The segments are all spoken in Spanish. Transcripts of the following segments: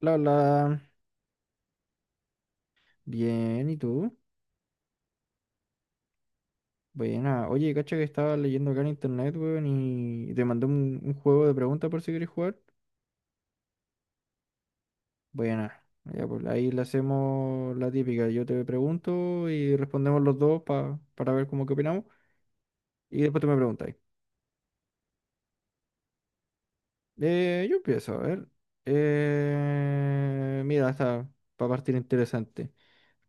La, bien, ¿y tú? Buena. Oye, cacha que estaba leyendo acá en internet, weón, y te mandé un juego de preguntas por si quieres jugar. Buena. Ya, pues ahí le hacemos la típica. Yo te pregunto y respondemos los dos para ver cómo que opinamos. Y después tú me preguntas. Yo empiezo, a ver. Mira, está para partir interesante.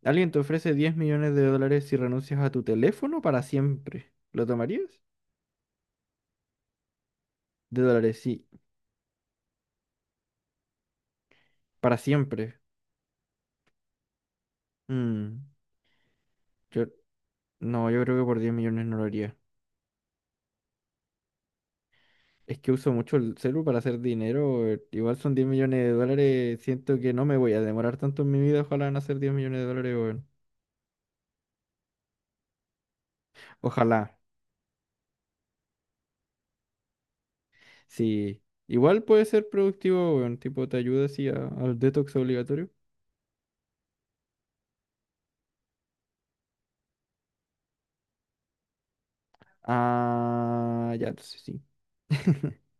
Alguien te ofrece 10 millones de dólares si renuncias a tu teléfono para siempre. ¿Lo tomarías? De dólares, sí. Para siempre. Mm, yo, no, yo creo que por 10 millones no lo haría. Es que uso mucho el celu para hacer dinero. Igual son diez millones de dólares. Siento que no me voy a demorar tanto en mi vida. Ojalá en hacer 10 millones de dólares, weón. Ojalá. Sí. Igual puede ser productivo, weón. Tipo, te ayuda así al detox obligatorio. Ah, ya, entonces sí.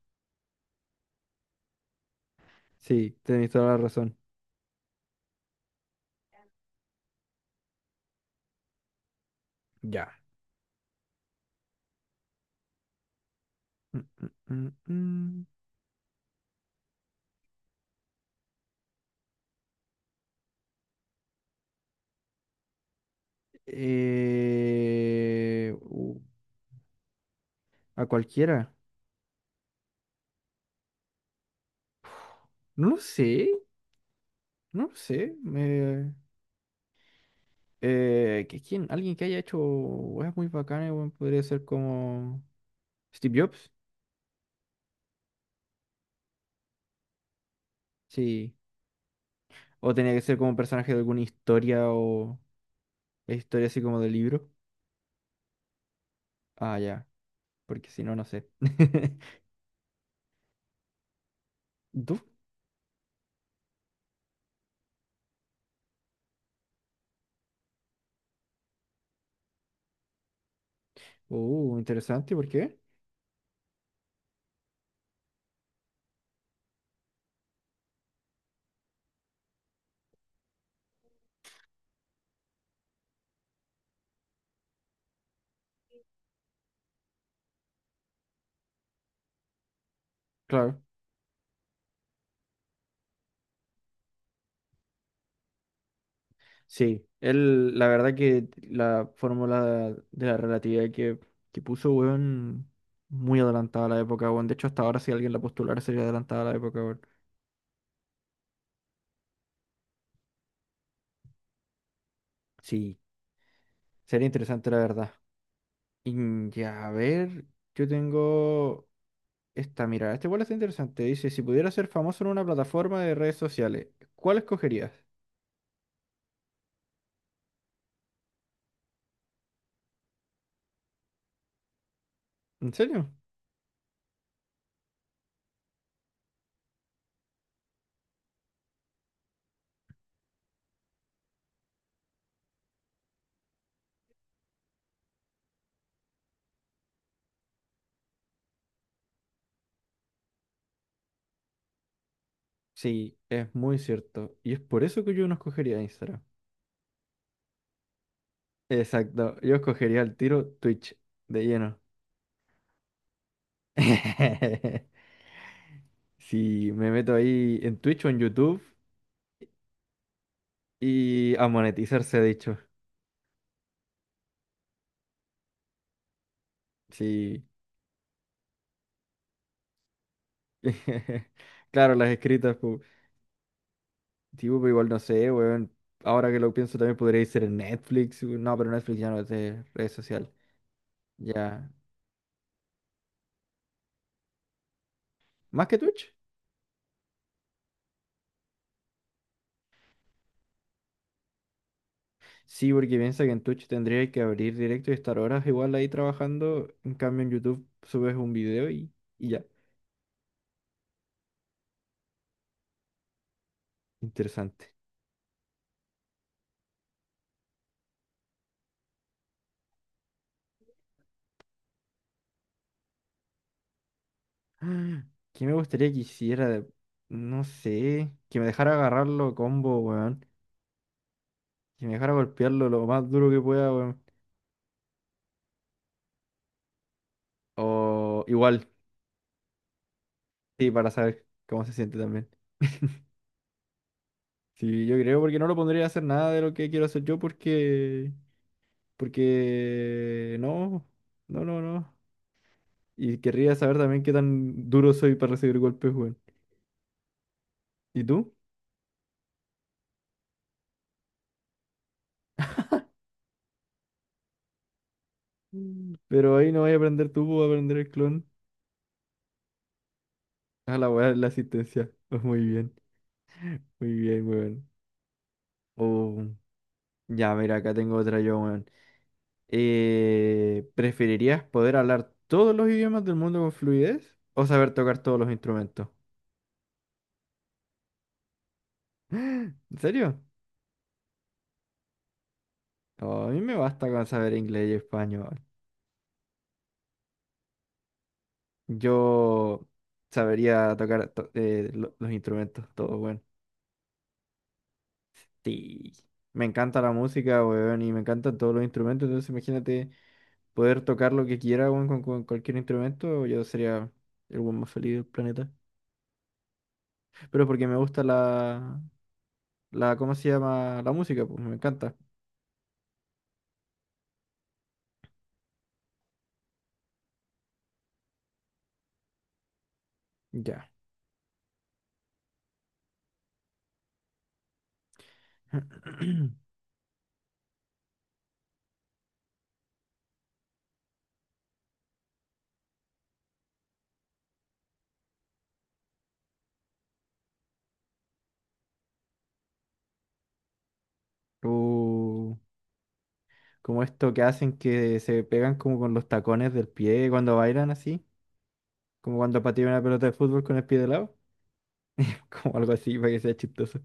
Sí, tenéis toda la razón. Ya. Mm, mm, mm, mm. Eh, uh, a cualquiera. No lo sé. No sé. Que quién, alguien que haya hecho weas muy bacanas, weón, podría ser como Steve Jobs, sí. O tenía que ser como un personaje de alguna historia o historia así como de libro. Ah, ya, porque si no, no sé. ¿Tú? Interesante, ¿por qué? Claro, sí. Él, la verdad que la fórmula de la relatividad que puso, weón, muy adelantada a la época, weón. De hecho, hasta ahora si alguien la postulara sería adelantada a la época, weón. Sí. Sería interesante, la verdad. Y ya, a ver, yo tengo esta, mira, este igual está interesante. Dice, si pudieras ser famoso en una plataforma de redes sociales, ¿cuál escogerías? ¿En serio? Sí, es muy cierto. Y es por eso que yo no escogería Instagram. Exacto, yo escogería el tiro Twitch, de lleno. Si me meto ahí en Twitch o en YouTube y a monetizarse dicho. Sí. Claro, las escritas. Tipo, pero igual no sé, weón. Ahora que lo pienso también podría ser en Netflix, weón. No, pero Netflix ya no es de red social. Ya. ¿Más que Twitch? Sí, porque piensa que en Twitch tendría que abrir directo y estar horas igual ahí trabajando. En cambio, en YouTube subes un video y ya. Interesante. Ah, ¿qué me gustaría que hiciera? No sé. Que me dejara agarrarlo combo, weón. Que me dejara golpearlo lo más duro que pueda, weón. O igual, sí, para saber cómo se siente también. Sí, yo creo, porque no lo pondría a hacer nada de lo que quiero hacer yo, porque no, no, no, no. Y querría saber también qué tan duro soy para recibir golpes, weón. ¿Y tú? Mm. Pero ahí no vas a aprender tú, vas a aprender el clon. A la weá, la asistencia. Pues muy bien, weón. Oh, ya, mira, acá tengo otra yo, weón. ¿Preferirías poder hablar todos los idiomas del mundo con fluidez o saber tocar todos los instrumentos? ¿En serio? Oh, a mí me basta con saber inglés y español. Yo sabería tocar los instrumentos, todo bueno. Sí. Me encanta la música, weón, y me encantan todos los instrumentos. Entonces, imagínate poder tocar lo que quiera, weón, con cualquier instrumento. Yo sería el weón más feliz del planeta. Pero porque me gusta ¿cómo se llama? La música, pues me encanta. Ya. Uh, como esto que hacen que se pegan como con los tacones del pie cuando bailan así. Como cuando pateé una pelota de fútbol con el pie de lado. Como algo así para que sea chistoso.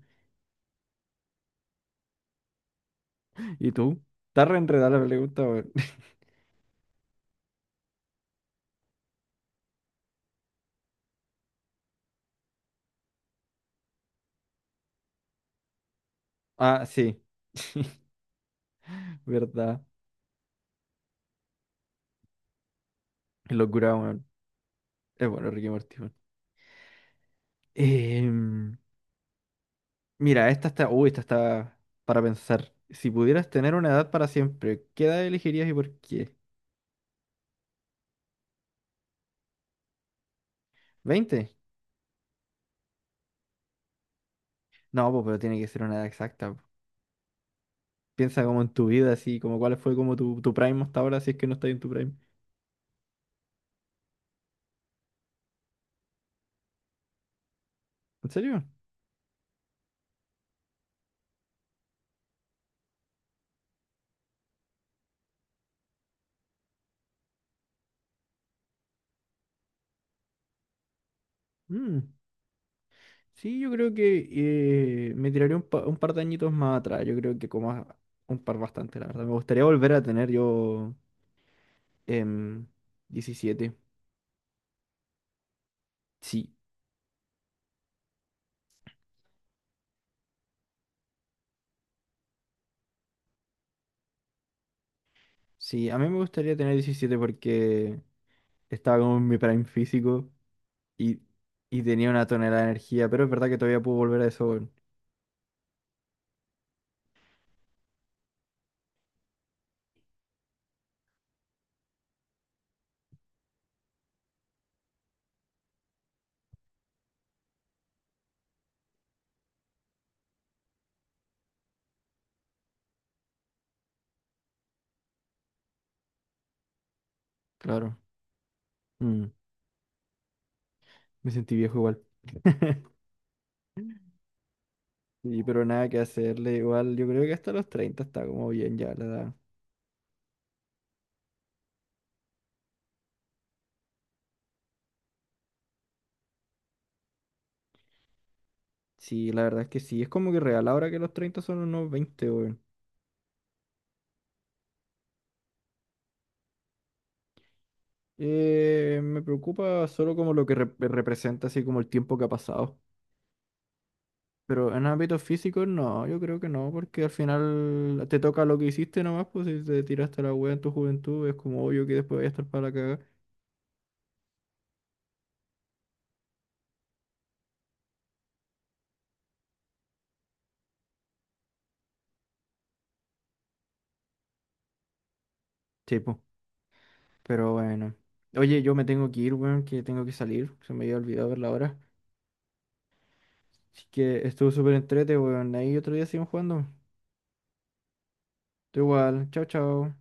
¿Y tú? Está re enredada la pregunta, weón. Ah, sí. ¿Verdad? Qué locura, weón. Es bueno, Ricky Morty, weón. Em, mira, esta está. Uy, esta está para pensar. Si pudieras tener una edad para siempre, ¿qué edad elegirías y por qué? Veinte. No, po, pero tiene que ser una edad exacta, po. Piensa como en tu vida, así, como cuál fue como tu prime hasta ahora, si es que no estás en tu prime. ¿En serio? Mm. Sí, yo creo que me tiraré un, un par de añitos más atrás. Yo creo que como un par bastante, la verdad. Me gustaría volver a tener yo em, 17. Sí, sí, a mí me gustaría tener 17 porque estaba como en mi prime físico y, y tenía una tonelada de energía, pero es verdad que todavía puedo volver a eso, weón. Claro. Mm, me sentí viejo igual. Sí, pero nada que hacerle, igual yo creo que hasta los 30 está como bien ya la edad. Sí, la verdad es que sí, es como que real ahora que los 30 son unos veinte, weón. Me preocupa solo como lo que representa, así como el tiempo que ha pasado. Pero en ámbitos físicos, no, yo creo que no, porque al final te toca lo que hiciste nomás, pues si te tiraste la wea en tu juventud, es como obvio que después voy a estar para la cagada. Sí, pues, pero bueno. Oye, yo me tengo que ir, weón, que tengo que salir, se me había olvidado ver la hora. Así que estuvo súper entrete, weón, ahí otro día siguen jugando. Tú igual, chao, chao.